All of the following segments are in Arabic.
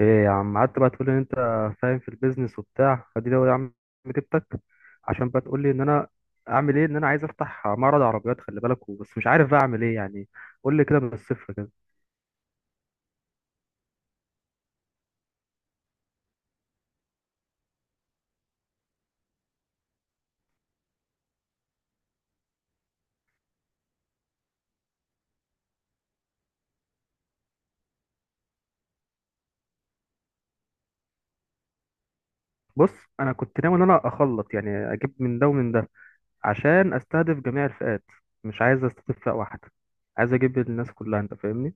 ايه يا عم؟ قعدت بقى تقول ان انت فاهم في البيزنس وبتاع. فدي لو يا عم جبتك عشان بقى تقول لي ان انا اعمل ايه. ان انا عايز افتح معرض عربيات، خلي بالك، بس مش عارف بقى اعمل ايه يعني. قول لي كده من الصفر كده. بص، انا كنت ناوي ان انا اخلط، يعني اجيب من ده ومن ده، عشان استهدف جميع الفئات. مش عايز استهدف فئة واحدة، عايز اجيب الناس كلها. انت فاهمني؟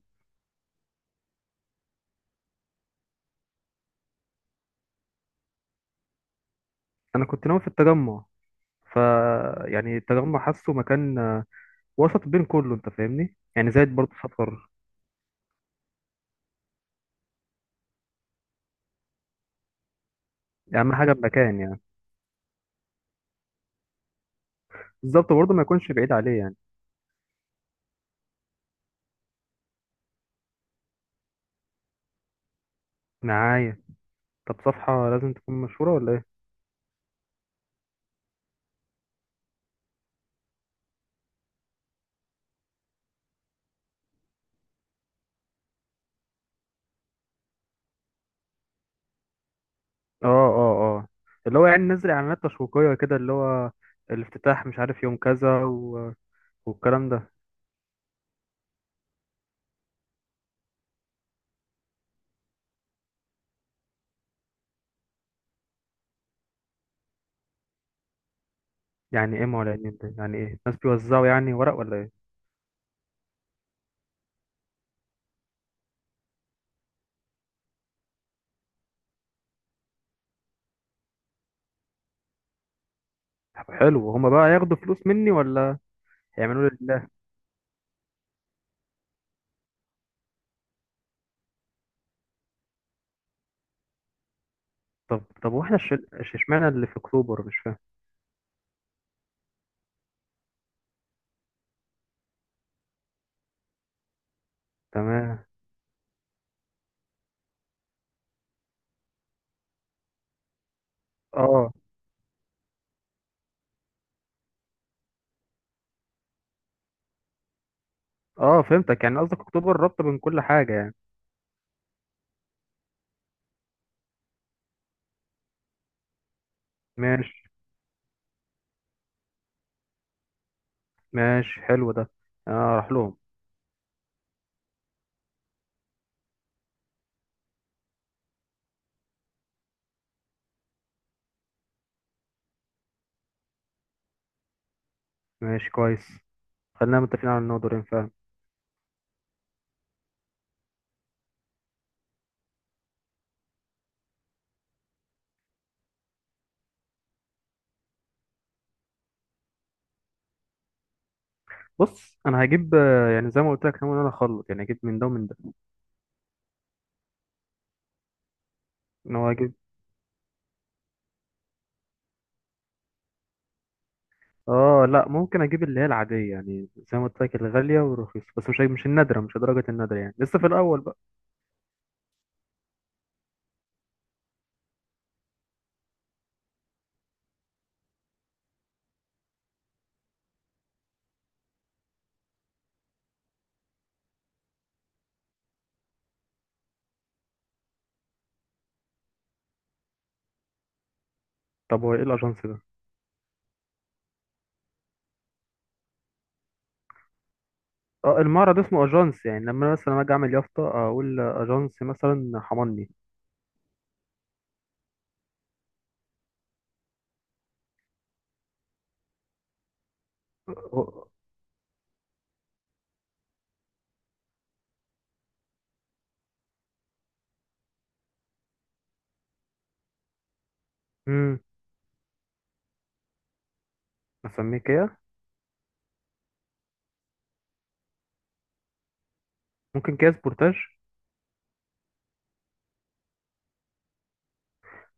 انا كنت ناوي في التجمع. ف يعني التجمع حاسه مكان وسط بين كله. انت فاهمني؟ يعني زايد برضه سفر. اهم حاجة المكان يعني. بالظبط، برضه ما يكونش بعيد عليه يعني. دعاية. طب صفحة لازم تكون مشهورة ولا ايه؟ اه، اه، اه. اللي هو يعني نزل اعلانات تشويقية كده، اللي هو الافتتاح مش عارف يوم كذا والكلام ده. يعني ايه معلنين ده؟ يعني ايه، ناس بيوزعوا يعني ورق ولا ايه؟ طب حلو، هما بقى ياخدوا فلوس مني ولا؟ يعملوا لله؟ طب واحنا اشمعنى اللي في اكتوبر؟ مش فاهم. تمام. اه، اه، فهمتك. يعني قصدك اكتوبر رابطة بين كل حاجة يعني. ماشي. ماشي، حلو ده. انا اروح لهم. ماشي كويس. خلينا متفقين على ان هو دورين فعلا. بص، انا هجيب يعني زي ما قلت لك، ناوي ان انا اخلط يعني اجيب من ده ومن ده. ان هو اجيب. اه، لا، ممكن اجيب اللي هي العاديه، يعني زي ما قلت لك الغاليه والرخيصه، بس مش النادره، مش درجه النادره يعني، لسه في الاول بقى. طب هو ايه الاجانس ده؟ اه، المعرض اسمه اجانس. يعني لما انا مثلا اجي اعمل يافطه اقول اجانس مثلا، حمني. امم. اسميه كيا. ممكن كيا سبورتاج.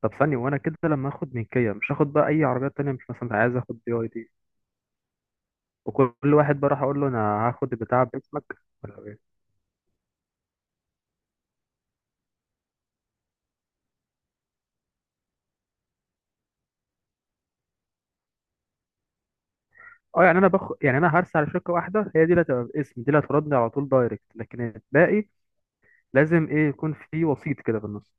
طب ثانيه، وانا كده لما اخد من كيا مش هاخد بقى اي عربيات تانية؟ مش مثلا عايز اخد بي واي دي؟ وكل واحد بقى راح اقول له انا هاخد البتاع باسمك، ولا ايه؟ اه، يعني انا يعني انا هرسي على شركه واحده، هي دي اللي هتبقى باسمي، دي اللي هتردني على طول دايركت. لكن الباقي لازم ايه، يكون في وسيط كده في النص؟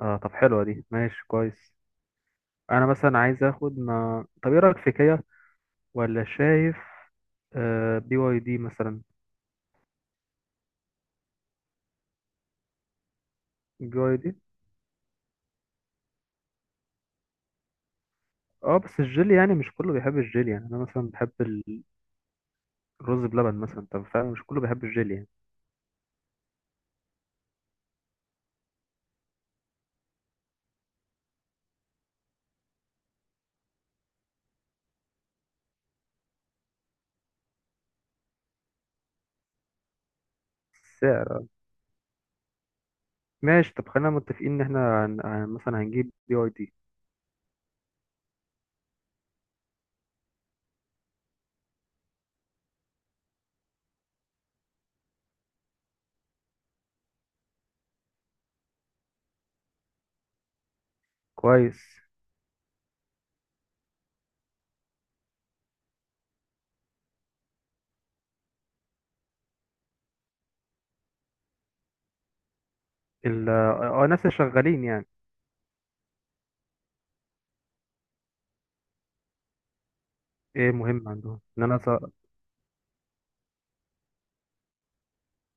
اه، طب حلوه دي. ماشي كويس. انا مثلا عايز اخد ما... طب ايه رايك في كيا؟ ولا شايف؟ بي واي دي مثلا. بي واي دي. اه، بس الجيلي يعني مش كله بيحب الجيلي. يعني انا مثلا بحب الرز بلبن مثلا. طب فعلا مش كله بيحب الجيلي يعني. بس ماشي، طب خلينا متفقين ان احنا مثلا هنجيب بي اي دي. كويس. ال اه ناس اللي شغالين يعني. ايه مهم عندهم ان انا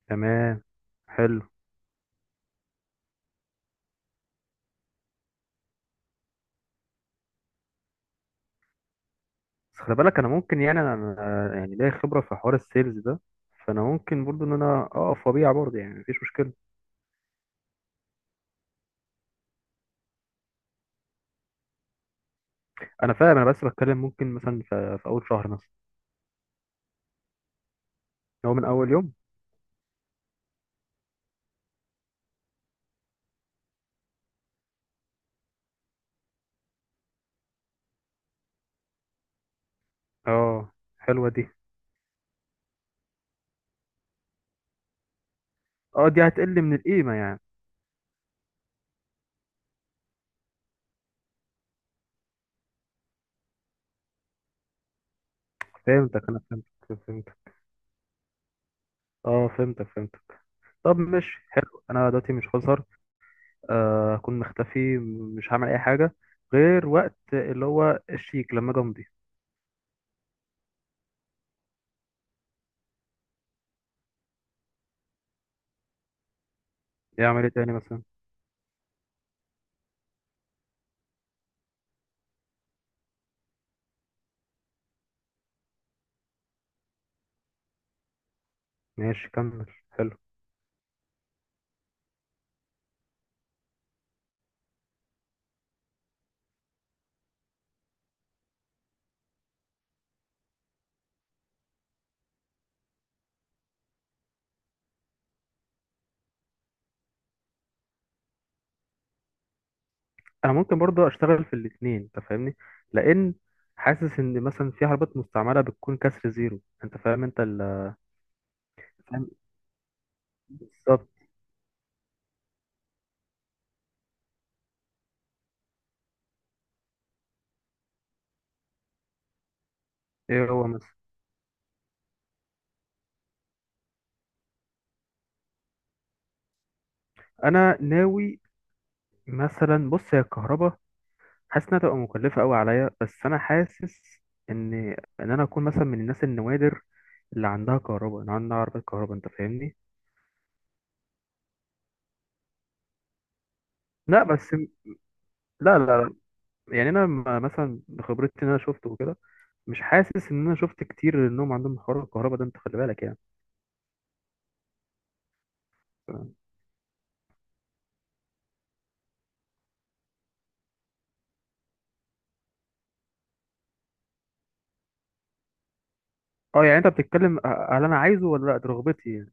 تمام. حلو. بس خلي بالك، انا ممكن يعني انا يعني ليا خبره في حوار السيلز ده. فانا ممكن برضو ان انا اقف وابيع برضو، يعني مفيش مشكله. انا فاهم، انا بس بتكلم ممكن مثلا في اول شهر مثلا. هو من اول يوم. اه، حلوه دي. اه، دي هتقل من القيمه يعني. فهمتك، انا فهمتك فهمتك. اه، فهمتك فهمتك. طب ماشي، حلو. انا دلوقتي مش هظهر. هكون مختفي. مش هعمل اي حاجه غير وقت اللي هو الشيك، لما اجي امضي. يعمل ايه تاني مثلا؟ ماشي، كمل، حلو. انا ممكن برضه اشتغل في الاثنين، انت فاهمني. لان حاسس ان مثلا في عربيات مستعمله بتكون كسر زيرو، انت فاهم. انت فاهم. بالظبط. ايه هو مثلا؟ انا ناوي. مثلا بص، هي الكهرباء حاسس انها تبقى مكلفه قوي عليا. بس انا حاسس ان ان انا اكون مثلا من الناس النوادر اللي عندها كهرباء. انا عندي عربيه كهرباء، انت فاهمني؟ لا، بس. لا، لا، لا. يعني انا مثلا بخبرتي ان انا شفته وكده. مش حاسس ان انا شفت كتير انهم عندهم حوار الكهرباء ده، انت خلي بالك يعني. ف- اه، يعني انت بتتكلم هل انا عايزه ولا لا، دي رغبتي يعني.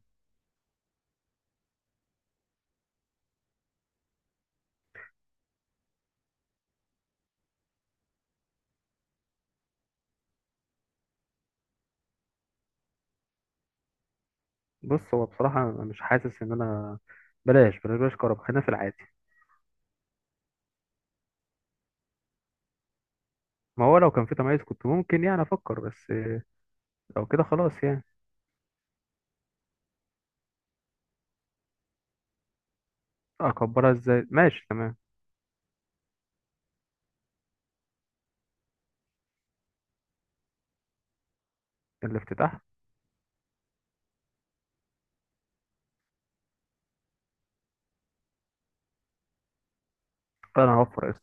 بص، هو بصراحه أنا مش حاسس ان انا. بلاش، بلاش، بلاش كهرباء، خلينا في العادي. ما هو لو كان في تميز كنت ممكن يعني افكر، بس لو كده خلاص يعني. اكبرها ازاي؟ ماشي تمام. الافتتاح. انا هوفر قسط.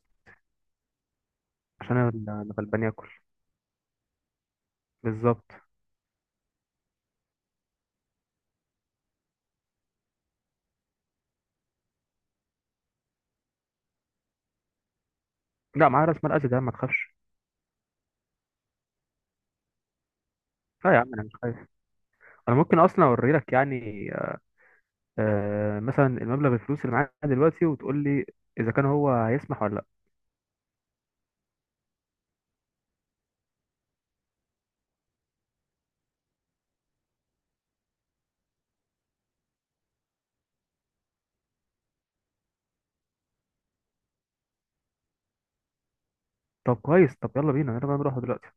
عشان انا غلبان اكل. بالظبط. لا، معايا راس مال قد ده، ما تخافش. لا يا عم، انا مش خايف. انا ممكن اصلا اوري لك يعني مثلا المبلغ الفلوس اللي معايا دلوقتي، وتقول لي اذا كان هو هيسمح ولا لا. طب كويس، طب يلا بينا، يلا بقى نروح دلوقتي.